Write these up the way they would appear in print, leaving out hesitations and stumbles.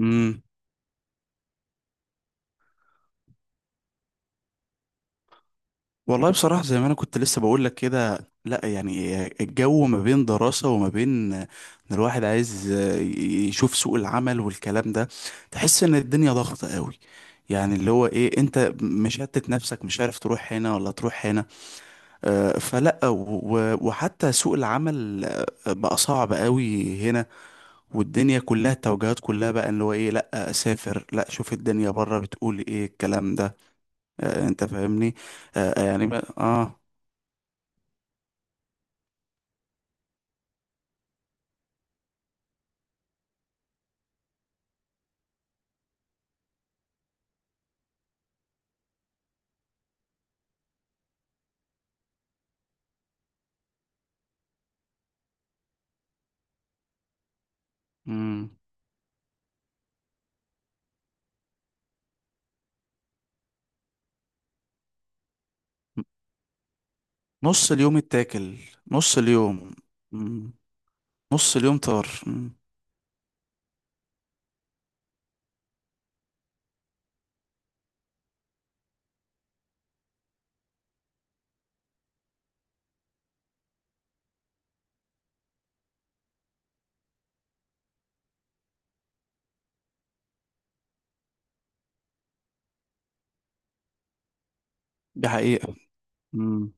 امم والله بصراحة، زي ما أنا كنت لسه بقول لك كده، لا، يعني الجو ما بين دراسة وما بين إن الواحد عايز يشوف سوق العمل والكلام ده. تحس إن الدنيا ضغطة قوي، يعني اللي هو إيه، أنت مشتت نفسك، مش عارف تروح هنا ولا تروح هنا. آه، فلا و- وحتى سوق العمل، آه، بقى صعب قوي هنا. والدنيا كلها، التوجهات كلها بقى اللي هو إيه، لا أسافر، لا شوف الدنيا بره، بتقول إيه الكلام ده. آه، انت فاهمني. آه، آه، يعني مم. نص اليوم اتاكل. نص اليوم. مم. نص اليوم طار. مم. دي حقيقة. مم.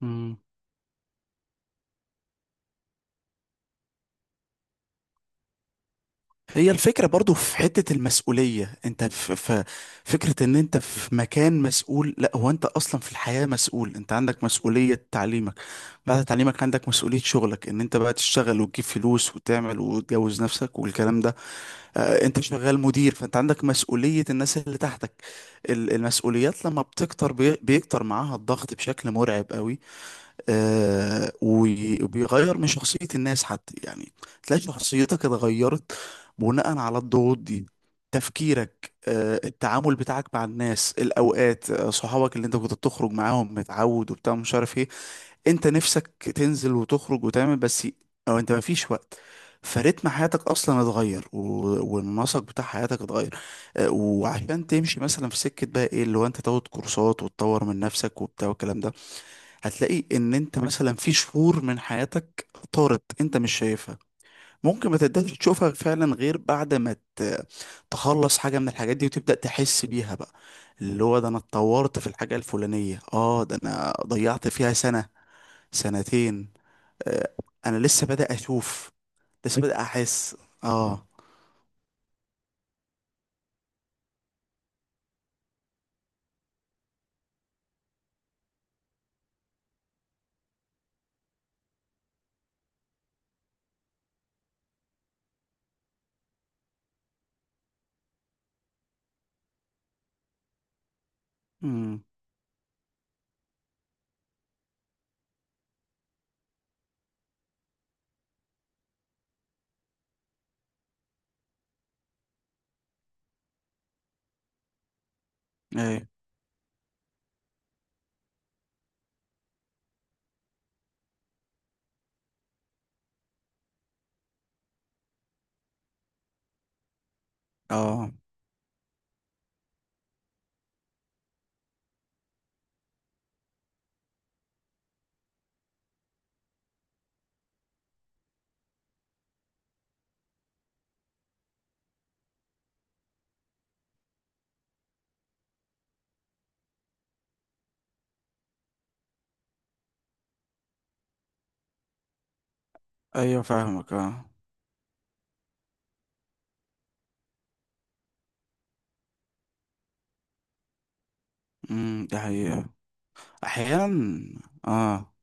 مم. هي الفكرة برضو في حتة المسؤولية، انت في فكرة ان انت في مكان مسؤول. لا، هو انت اصلا في الحياة مسؤول، انت عندك مسؤولية تعليمك، بعد تعليمك عندك مسؤولية شغلك، ان انت بقى تشتغل وتجيب فلوس وتعمل وتجوز نفسك والكلام ده. آه، انت شغال مدير، فانت عندك مسؤولية الناس اللي تحتك. المسؤوليات لما بتكتر، بيكتر معاها الضغط بشكل مرعب قوي. آه، وبيغير من شخصية الناس حتى، يعني تلاقي شخصيتك اتغيرت بناء على الضغوط دي. تفكيرك، آه، التعامل بتاعك مع الناس الأوقات، آه، صحابك اللي انت كنت بتخرج معاهم متعود وبتاع مش عارف ايه، انت نفسك تنزل وتخرج وتعمل بس او انت مفيش وقت. فريتم حياتك اصلا اتغير، والنسق بتاع حياتك اتغير. اه، وعشان تمشي مثلا في سكه بقى ايه اللي هو انت تاخد كورسات وتطور من نفسك وبتاع والكلام ده. هتلاقي ان انت مثلا في شهور من حياتك طارت انت مش شايفها، ممكن ما تقدرش تشوفها فعلا غير بعد ما تخلص حاجه من الحاجات دي وتبدا تحس بيها بقى، اللي هو ده انا اتطورت في الحاجه الفلانيه، اه ده انا ضيعت فيها سنه، سنتين. آه، انا لسه بدأ اشوف، لسه بدأ احس. اه. امم. ايه. اه. ايوه فاهمك. اه. دي حقيقة. احيانا. اه.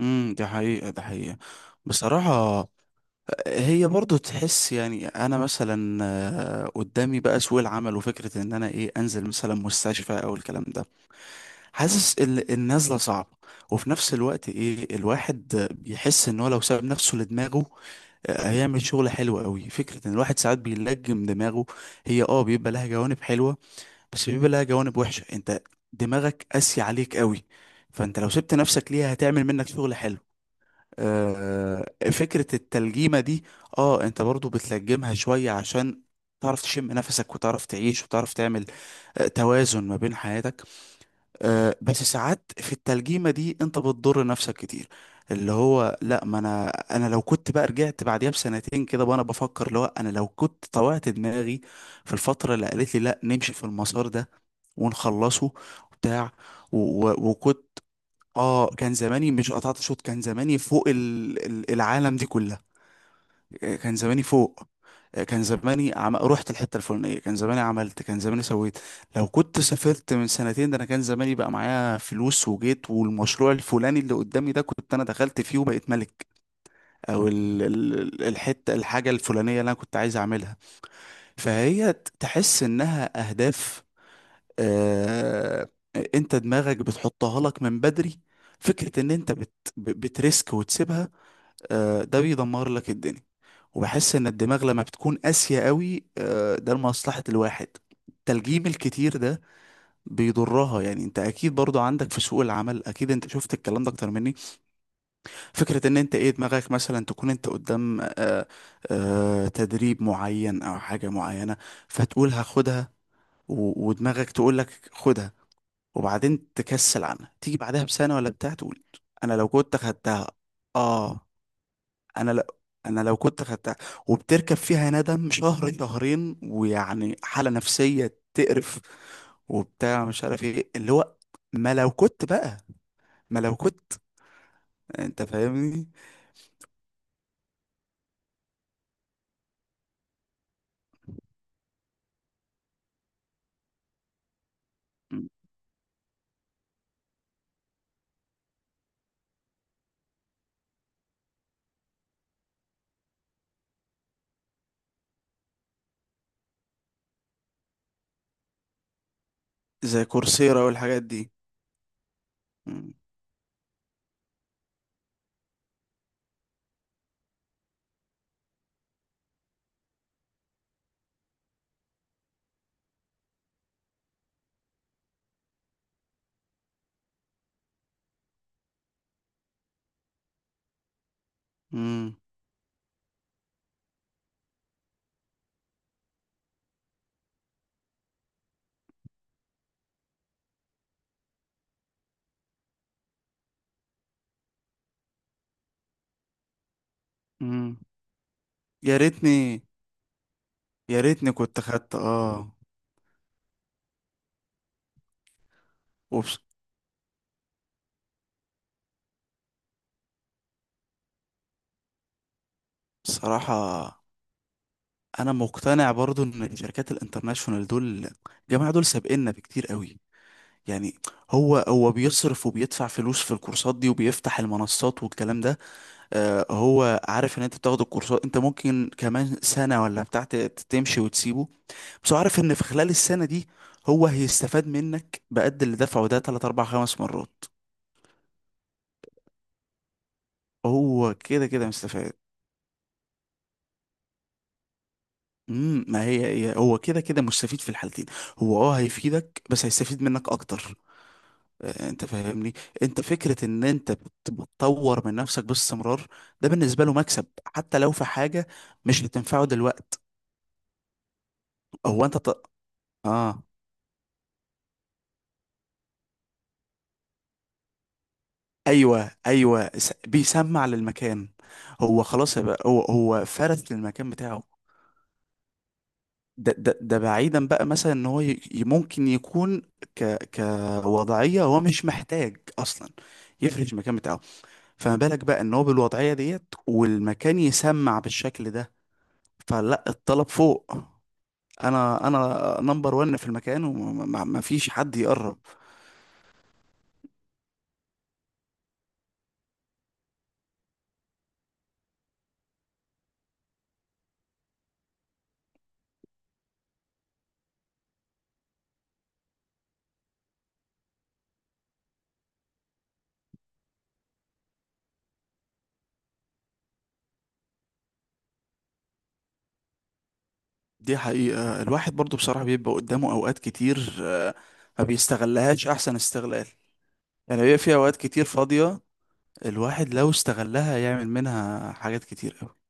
دي حقيقة، دي حقيقة، بصراحة. هي برضو تحس، يعني انا مثلا، آه، قدامي بقى سوق العمل، وفكرة ان انا ايه، انزل مثلا مستشفى او الكلام ده. حاسس النازله صعبه. وفي نفس الوقت ايه، الواحد بيحس ان هو لو ساب نفسه لدماغه، آه، هيعمل شغل حلو قوي. فكره ان الواحد ساعات بيلجم دماغه. هي اه بيبقى لها جوانب حلوه، بس بيبقى لها جوانب وحشه. انت دماغك قاسي عليك قوي، فانت لو سبت نفسك ليها هتعمل منك شغل حلو. آه، فكره التلجيمه دي، اه انت برضو بتلجمها شويه عشان تعرف تشم نفسك وتعرف تعيش وتعرف تعمل، آه، توازن ما بين حياتك. آه، بس ساعات في التلجيمة دي انت بتضر نفسك كتير. اللي هو لا، ما انا انا لو كنت بقى رجعت بعديها بسنتين كده وانا بفكر اللي هو انا لو كنت طوعت دماغي في الفترة اللي قالت لي لا نمشي في المسار ده، ونخلصه، بتاع، و- و- وكنت. اه، كان زماني مش قطعت شوط، كان زماني فوق العالم دي كلها. كان زماني فوق. كان زماني رحت الحته الفلانيه، كان زماني عملت، كان زماني سويت. لو كنت سافرت من سنتين، ده انا كان زماني بقى معايا فلوس وجيت، والمشروع الفلاني اللي قدامي ده كنت انا دخلت فيه وبقيت ملك. او الحته، الحاجه الفلانيه اللي انا كنت عايز اعملها. فهي تحس انها اهداف، آه، انت دماغك بتحطها لك من بدري. فكره ان انت بتريسك وتسيبها، آه، ده بيدمر لك الدنيا. وبحس ان الدماغ لما بتكون قاسية قوي، آه، ده لمصلحة الواحد. التلجيم الكتير ده بيضرها، يعني انت اكيد برضو عندك في سوق العمل، اكيد انت شفت الكلام ده اكتر مني. فكرة ان انت ايه، دماغك مثلا تكون انت قدام، آه، آه، تدريب معين او حاجة معينة، فتقول هاخدها، ودماغك تقول لك خدها، وبعدين تكسل عنها، تيجي بعدها بسنة ولا بتاع تقول، انا لو كنت خدتها، اه. انا لو انا لو كنت خدتها، وبتركب فيها ندم شهر شهرين، ويعني حالة نفسية تقرف، وبتاع مش عارف ايه اللي هو. ما لو كنت بقى ما لو كنت. انت فاهمني. م. زي كورسيرا والحاجات دي. م. م. م. يا ريتني، يا ريتني كنت خدت، اه. وبصراحة، انا مقتنع برضو ان الشركات الانترناشونال دول، الجماعة دول سابقنا بكتير قوي، يعني. هو بيصرف وبيدفع فلوس في الكورسات دي وبيفتح المنصات والكلام ده. آه، هو عارف ان انت بتاخد الكورسات، انت ممكن كمان سنة ولا بتاع تمشي وتسيبه. بس هو عارف ان في خلال السنة دي هو هيستفاد منك بقد اللي دفعه ده 3 4 5 مرات. هو كده كده مستفاد. امم، ما هي، هو كده كده مستفيد في الحالتين. هو اه هيفيدك بس هيستفيد منك اكتر. آه، انت فاهمني. انت فكرة ان انت بتطور من نفسك باستمرار، ده بالنسبة له مكسب، حتى لو في حاجة مش بتنفعه دلوقت. هو انت اه، ايوه ايوه، بيسمع للمكان. هو خلاص بقى، هو فرس للمكان بتاعه. ده بعيدا بقى مثلا ان هو ممكن يكون كوضعية، هو مش محتاج اصلا يفرش المكان بتاعه. فما بالك بقى ان هو بالوضعية ديت والمكان يسمع بالشكل ده. فلا، الطلب فوق. انا نمبر ون في المكان وما فيش حد يقرب. دي حقيقة، الواحد برضو بصراحة بيبقى قدامه اوقات كتير، آه، ما بيستغلهاش احسن استغلال. يعني هي في اوقات كتير فاضية، الواحد لو استغلها يعمل منها حاجات كتير.